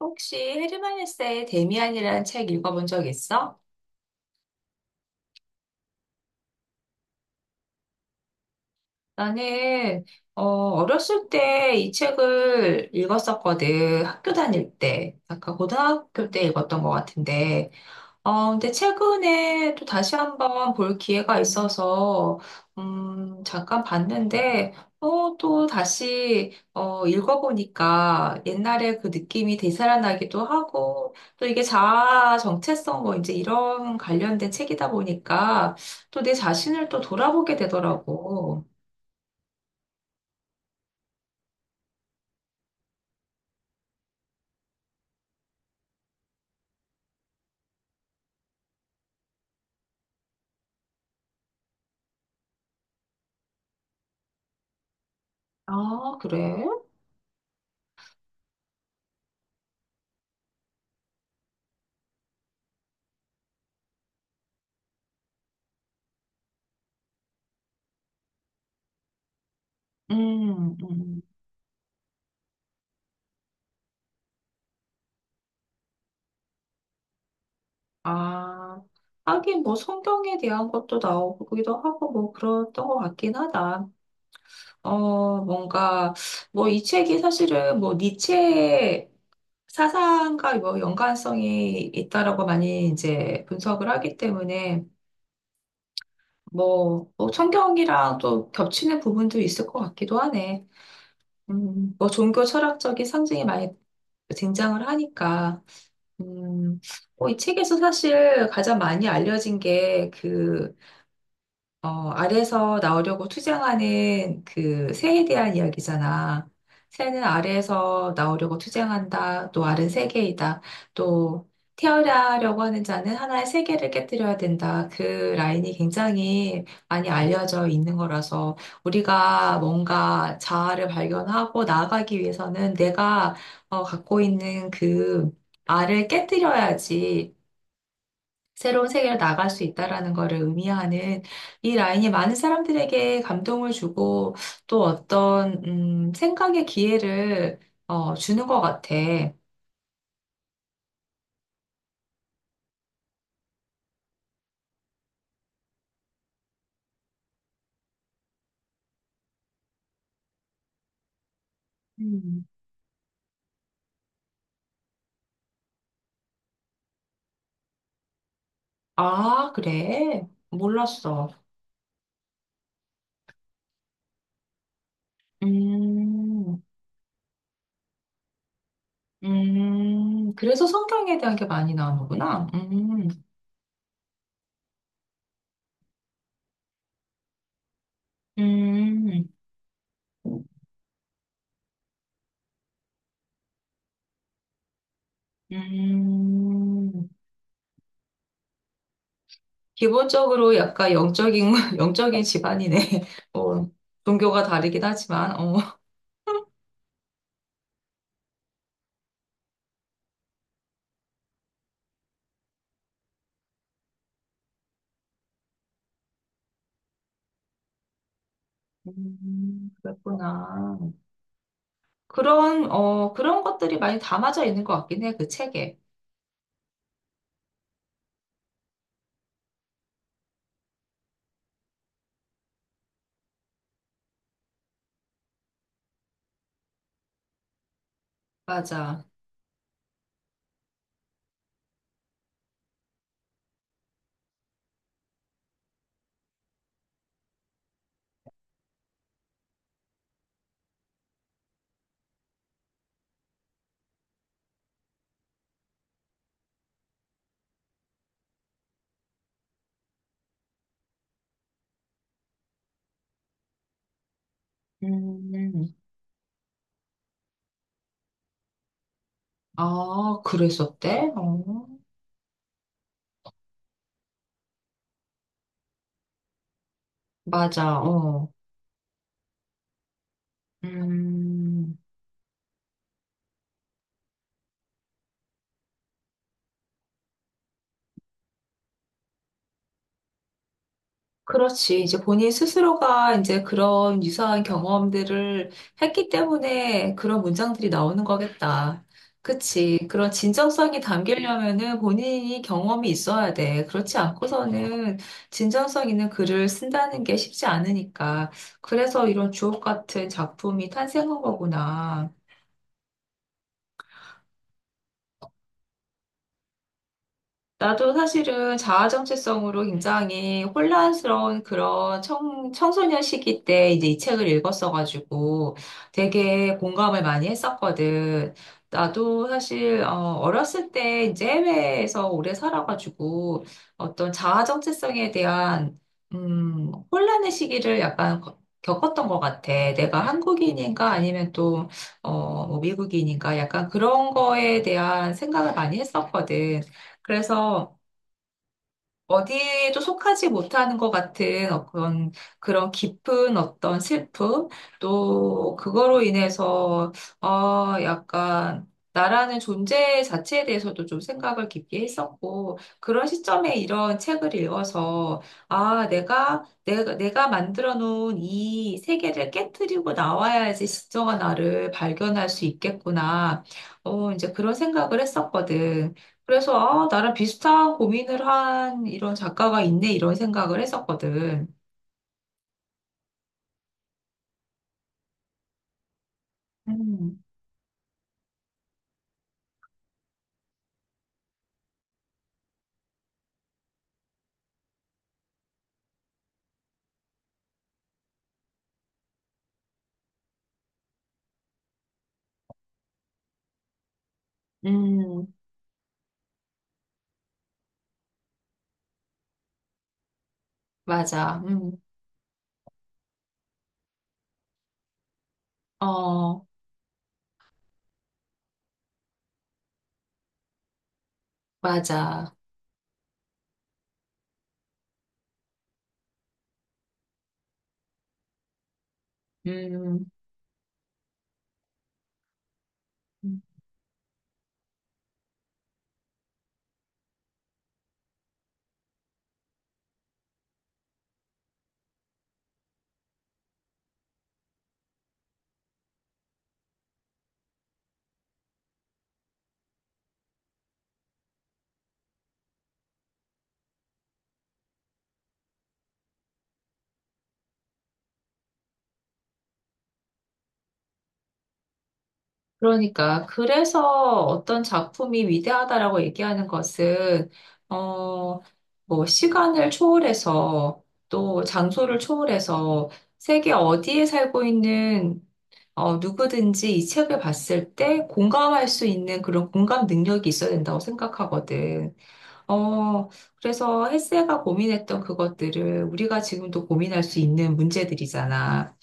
혹시 헤르만에세의 데미안이라는 책 읽어본 적 있어? 나는 어렸을 때 이 책을 읽었었거든. 학교 다닐 때. 아까 고등학교 때 읽었던 것 같은데 근데 최근에 또 다시 한번 볼 기회가 있어서, 잠깐 봤는데, 읽어보니까 옛날에 그 느낌이 되살아나기도 하고, 또 이게 자아 정체성 뭐 이제 이런 관련된 책이다 보니까, 또 내 자신을 또 돌아보게 되더라고. 아, 그래? 음, 음. 아, 하긴 뭐 성경에 대한 것도 나오기도 하고 뭐 그랬던 것 같긴 하다. 어, 뭔가, 뭐, 이 책이 사실은 뭐, 니체의 사상과 뭐, 연관성이 있다라고 많이 이제 분석을 하기 때문에, 뭐 성경이랑 또 겹치는 부분도 있을 것 같기도 하네. 뭐, 종교 철학적인 상징이 많이 등장을 하니까, 음, 이 책에서 사실 가장 많이 알려진 게 알에서 나오려고 투쟁하는 그 새에 대한 이야기잖아. 새는 알에서 나오려고 투쟁한다. 또 알은 세계이다. 또 태어나려고 하는 자는 하나의 세계를 깨뜨려야 된다. 그 라인이 굉장히 많이 알려져 있는 거라서 우리가 뭔가 자아를 발견하고 나아가기 위해서는 내가 갖고 있는 그 알을 깨뜨려야지 새로운 세계로 나갈 수 있다라는 것을 의미하는 이 라인이 많은 사람들에게 감동을 주고 또 어떤 생각의 기회를 주는 것 같아. 음. 아, 그래? 몰랐어. 음, 그래서 성경에 대한 게 많이 나오는구나. 음, 음. 기본적으로 약간 영적인, 영적인 집안이네. 어, 종교가 다르긴 하지만, 어. 그랬구나. 그런, 그런 것들이 많이 담아져 있는 것 같긴 해, 그 책에. 맞아. 음, 아, 그랬었대? 어, 맞아, 어. 음. 그렇지. 이제 본인 스스로가 이제 그런 유사한 경험들을 했기 때문에 그런 문장들이 나오는 거겠다. 그치. 그런 진정성이 담기려면은 본인이 경험이 있어야 돼. 그렇지 않고서는 진정성 있는 글을 쓴다는 게 쉽지 않으니까. 그래서 이런 주옥 같은 작품이 탄생한 거구나. 나도 사실은 자아 정체성으로 굉장히 혼란스러운 그런 청소년 시기 때 이제 이 책을 읽었어가지고 되게 공감을 많이 했었거든. 나도 사실 어렸을 때 이제 해외에서 오래 살아가지고 어떤 자아 정체성에 대한 혼란의 시기를 약간 겪었던 것 같아. 내가 한국인인가 아니면 또 뭐 미국인인가 약간 그런 거에 대한 생각을 많이 했었거든. 그래서 어디에도 속하지 못하는 것 같은 그런, 그런 깊은 어떤 슬픔, 또 그거로 인해서, 어, 약간, 나라는 존재 자체에 대해서도 좀 생각을 깊게 했었고, 그런 시점에 이런 책을 읽어서, 아, 내가 만들어 놓은 이 세계를 깨뜨리고 나와야지 진정한 나를 발견할 수 있겠구나. 어, 이제 그런 생각을 했었거든. 그래서 아, 나랑 비슷한 고민을 한 이런 작가가 있네 이런 생각을 했었거든. 음, 음, 맞아. 어, 맞아. 음, 그러니까 그래서 어떤 작품이 위대하다라고 얘기하는 것은 어, 뭐 시간을 초월해서 또 장소를 초월해서 세계 어디에 살고 있는 누구든지 이 책을 봤을 때 공감할 수 있는 그런 공감 능력이 있어야 된다고 생각하거든. 어, 그래서 헬세가 고민했던 그것들을 우리가 지금도 고민할 수 있는 문제들이잖아.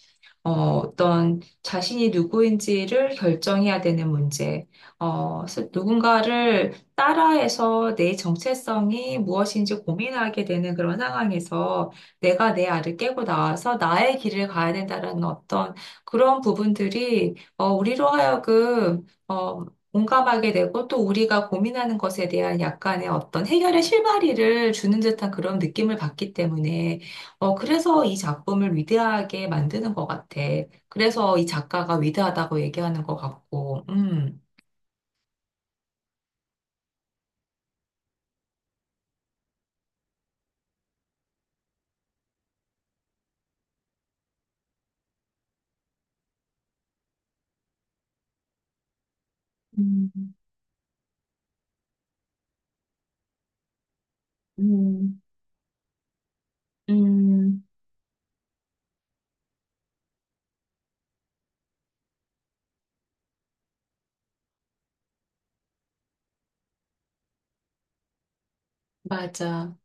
어, 어떤 자신이 누구인지를 결정해야 되는 문제, 누군가를 따라해서 내 정체성이 무엇인지 고민하게 되는 그런 상황에서 내가 내 알을 깨고 나와서 나의 길을 가야 된다는 어떤 그런 부분들이 우리로 하여금 공감하게 되고 또 우리가 고민하는 것에 대한 약간의 어떤 해결의 실마리를 주는 듯한 그런 느낌을 받기 때문에 어, 그래서 이 작품을 위대하게 만드는 것 같아. 그래서 이 작가가 위대하다고 얘기하는 것 같고, 음, 음, 음, 맞아.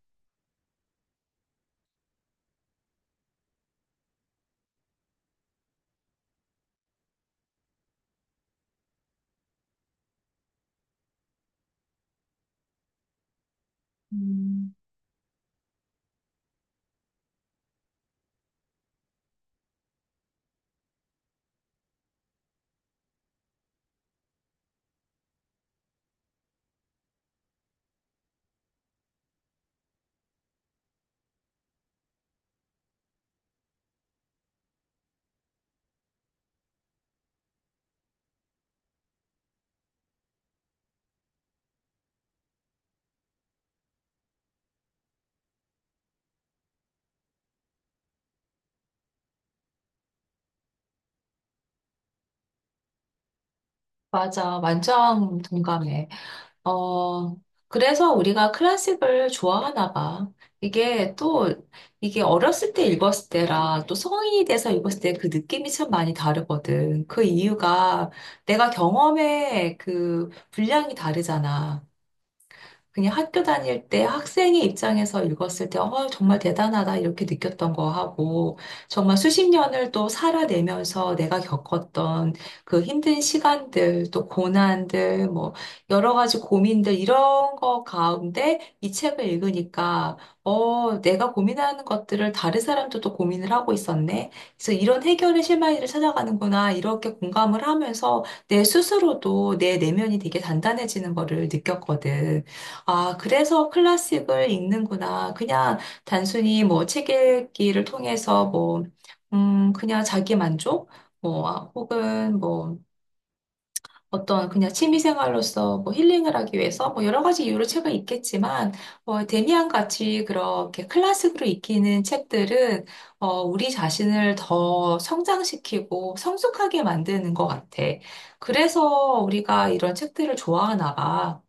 음, 맞아. 완전 동감해. 어, 그래서 우리가 클래식을 좋아하나 봐. 이게 또, 이게 어렸을 때 읽었을 때랑 또 성인이 돼서 읽었을 때 그 느낌이 참 많이 다르거든. 그 이유가 내가 경험의 그 분량이 다르잖아. 그냥 학교 다닐 때 학생의 입장에서 읽었을 때, 어, 정말 대단하다, 이렇게 느꼈던 거 하고, 정말 수십 년을 또 살아내면서 내가 겪었던 그 힘든 시간들, 또 고난들, 뭐, 여러 가지 고민들, 이런 거 가운데 이 책을 읽으니까, 어, 내가 고민하는 것들을 다른 사람도 또 고민을 하고 있었네. 그래서 이런 해결의 실마리를 찾아가는구나, 이렇게 공감을 하면서 내 스스로도 내 내면이 되게 단단해지는 거를 느꼈거든. 아, 그래서 클래식을 읽는구나. 그냥 단순히 뭐 책 읽기를 통해서 뭐, 그냥 자기 만족? 뭐, 아, 혹은 뭐 어떤 그냥 취미생활로서 뭐 힐링을 하기 위해서 뭐 여러 가지 이유로 책을 읽겠지만, 어, 데미안 같이 그렇게 클래식으로 읽히는 책들은, 어, 우리 자신을 더 성장시키고 성숙하게 만드는 것 같아. 그래서 우리가 이런 책들을 좋아하나 봐.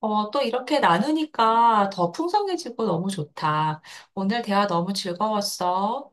어, 또 이렇게 나누니까 더 풍성해지고 너무 좋다. 오늘 대화 너무 즐거웠어.